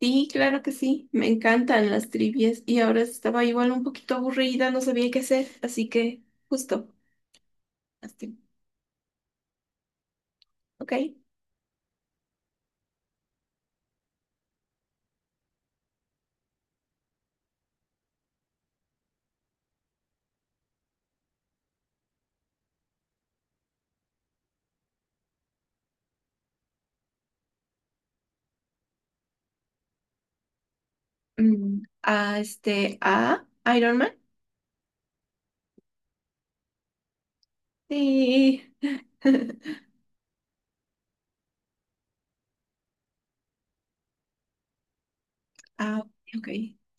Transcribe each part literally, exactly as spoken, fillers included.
Sí, claro que sí, me encantan las trivias y ahora estaba igual un poquito aburrida, no sabía qué hacer, así que justo, las tri- ok. Mm, a este, a Iron Man. Sí. Ah, ok,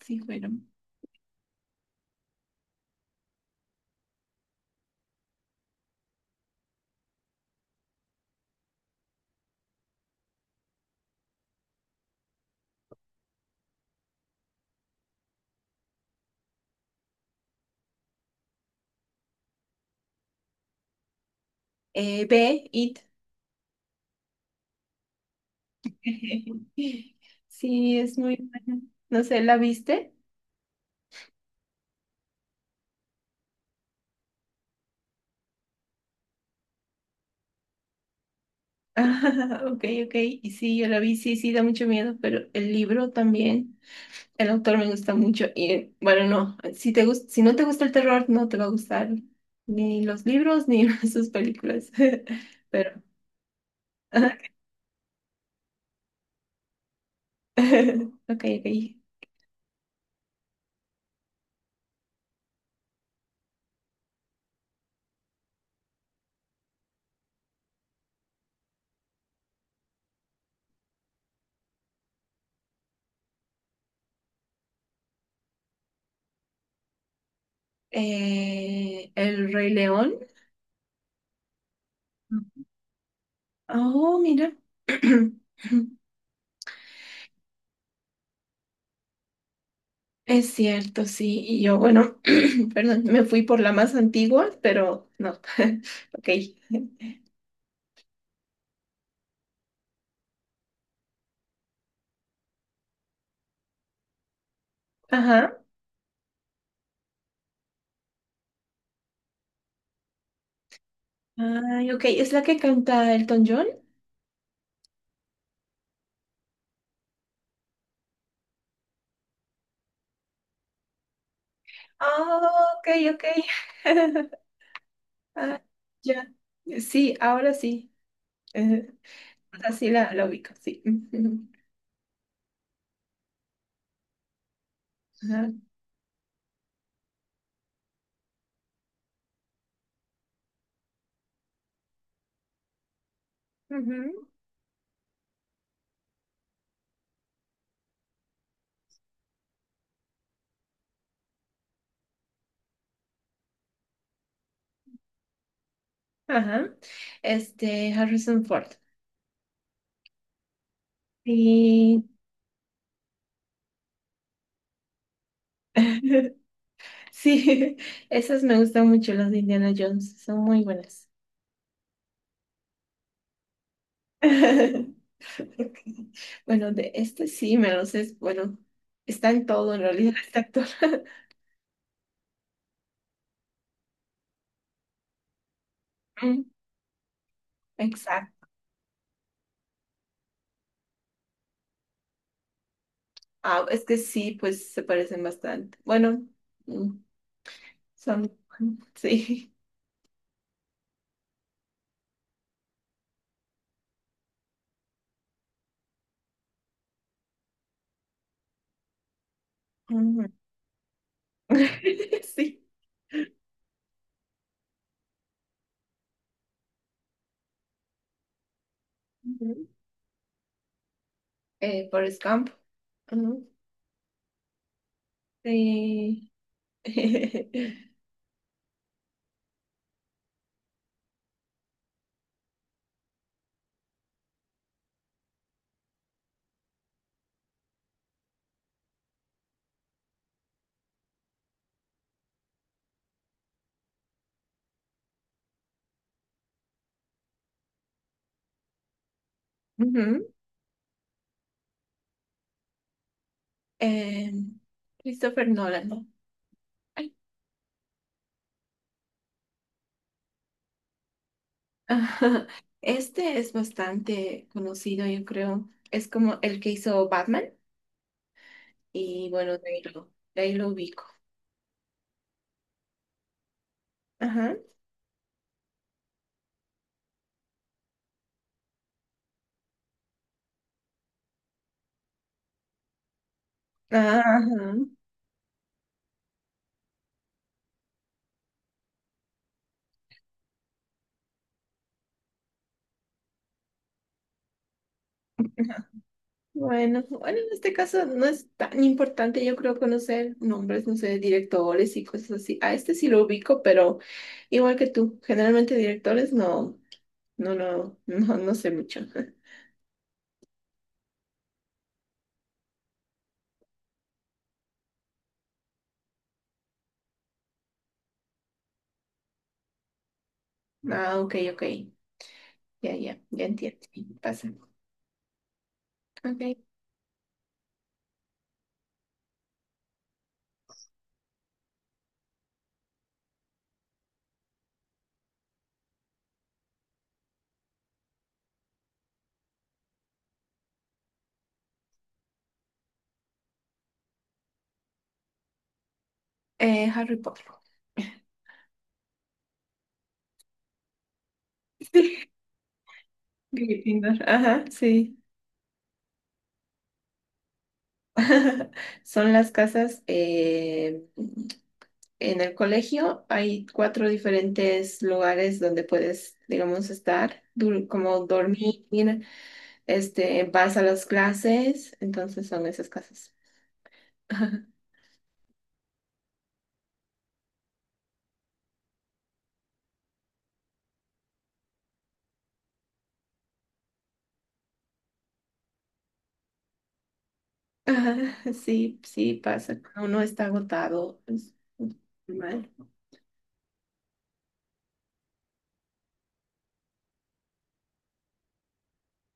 sí, bueno. Eh, B, It. Sí, es muy buena. No sé, ¿la viste? Ah, Ok, ok, y sí, yo la vi, sí, sí, da mucho miedo, pero el libro también. El autor me gusta mucho y bueno, no, si te gus- si no te gusta el terror, no te va a gustar ni los libros ni sus películas. Pero, ajá. ok, ok. Eh, El Rey León. Oh, mira. Es cierto, sí. Y yo, bueno, perdón, me fui por la más antigua, pero no. Ok. Ajá. Ay, ok. ¿Es la que canta Elton John? Oh, ok, ok. Ah, ya. Sí, ahora sí. Eh, así la, la ubico, sí. Ujú. Ajá. Ujú. Ajá. Este, Harrison Ford. Y sí, esas me gustan mucho, las de Indiana Jones. Son muy buenas. Ok. Bueno, de este sí me lo sé. Bueno, está en todo en realidad este actor. Mm, Exacto. Ah, es que sí, pues se parecen bastante. Bueno, mm, son, sí. Sí. Ujú. Eh, Forrest Gump. Ujú. Sí. Ujú. Em, Christopher Nolan. Ay. Ajá. Este es bastante conocido, yo creo. Es como el que hizo Batman. Y bueno, de ahí lo, de ahí lo ubico. Ajá. Ajá. Bueno, bueno, en este caso no es tan importante, yo creo, conocer nombres, no sé, directores y cosas así. A este sí lo ubico, pero igual que tú, generalmente directores no, no, no, no, no sé mucho. Ah, ok, ok, ya, ya, ya entiendo, pasa. Ok, eh, Harry Potter. Gryffindor, ajá, sí. Son las casas, eh, en el colegio hay cuatro diferentes lugares donde puedes, digamos, estar, dur- como dormir, este, vas a las clases, entonces son esas casas. Ah, sí, sí, pasa. Cuando uno está agotado. Es normal.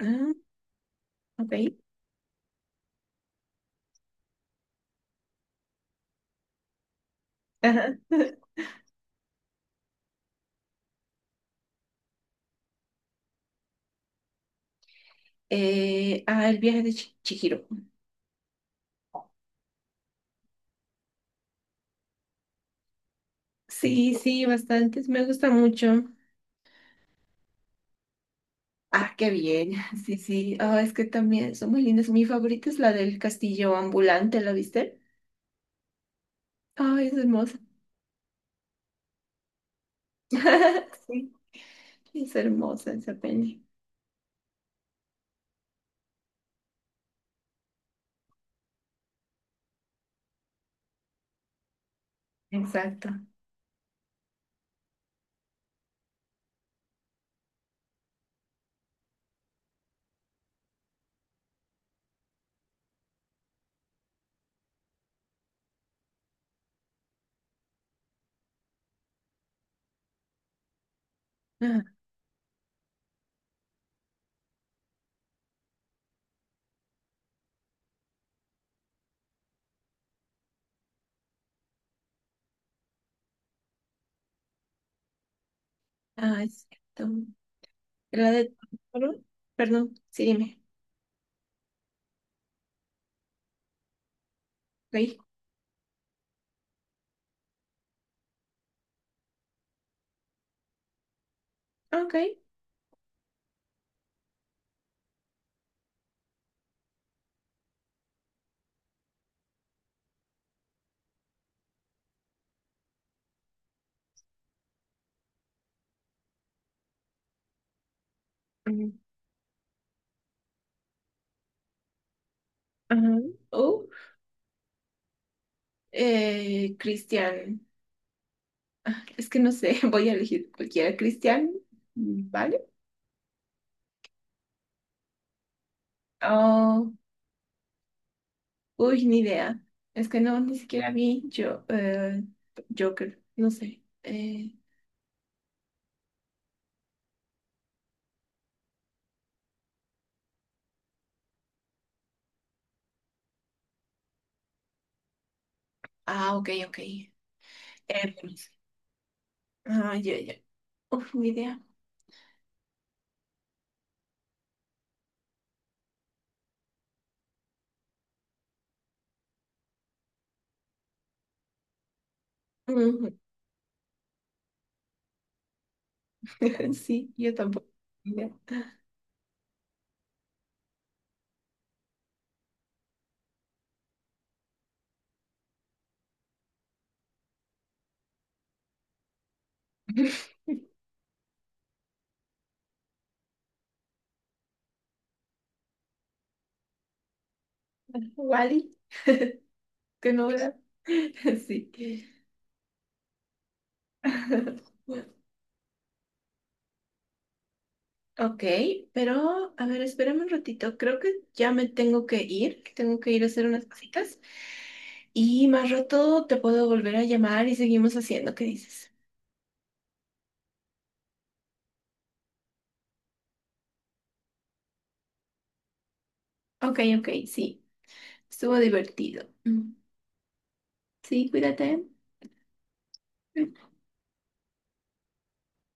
Ah, ok. Ajá. Eh, ah, el viaje de Chi- Chihiro. Sí, sí, bastantes. Me gusta mucho. Ah, qué bien. Sí, sí. Ah, es que también son muy lindas. Mi favorita es la del castillo ambulante, ¿la viste? Ay, es hermosa. Sí, es hermosa esa peli. Exacto. Ah, ah, es cierto. La de... Perdón, Perdón, sí, dime. ¿Veí? Ok. Mm, Ajá. Oh, eh, Cristian. Ah, es que no sé, voy a elegir cualquiera. Cristian, mm, ¿vale? Oh, uy, ni idea. Es que no, ni siquiera vi yo, eh, Joker, no sé. Eh, ah, ok, ok. Eh, no sé. Ah, ya, ya. Uf, ni idea. Ujú. Sí, yo tampoco. Mira. Wally, qué novedad. Sí. Ok, pero a ver, espérame un ratito. Creo que ya me tengo que ir. Tengo que ir a hacer unas cositas. Y más rato te puedo volver a llamar y seguimos haciendo. ¿Qué dices? Ok, ok, sí. Estuvo divertido. Mm. Sí, cuídate.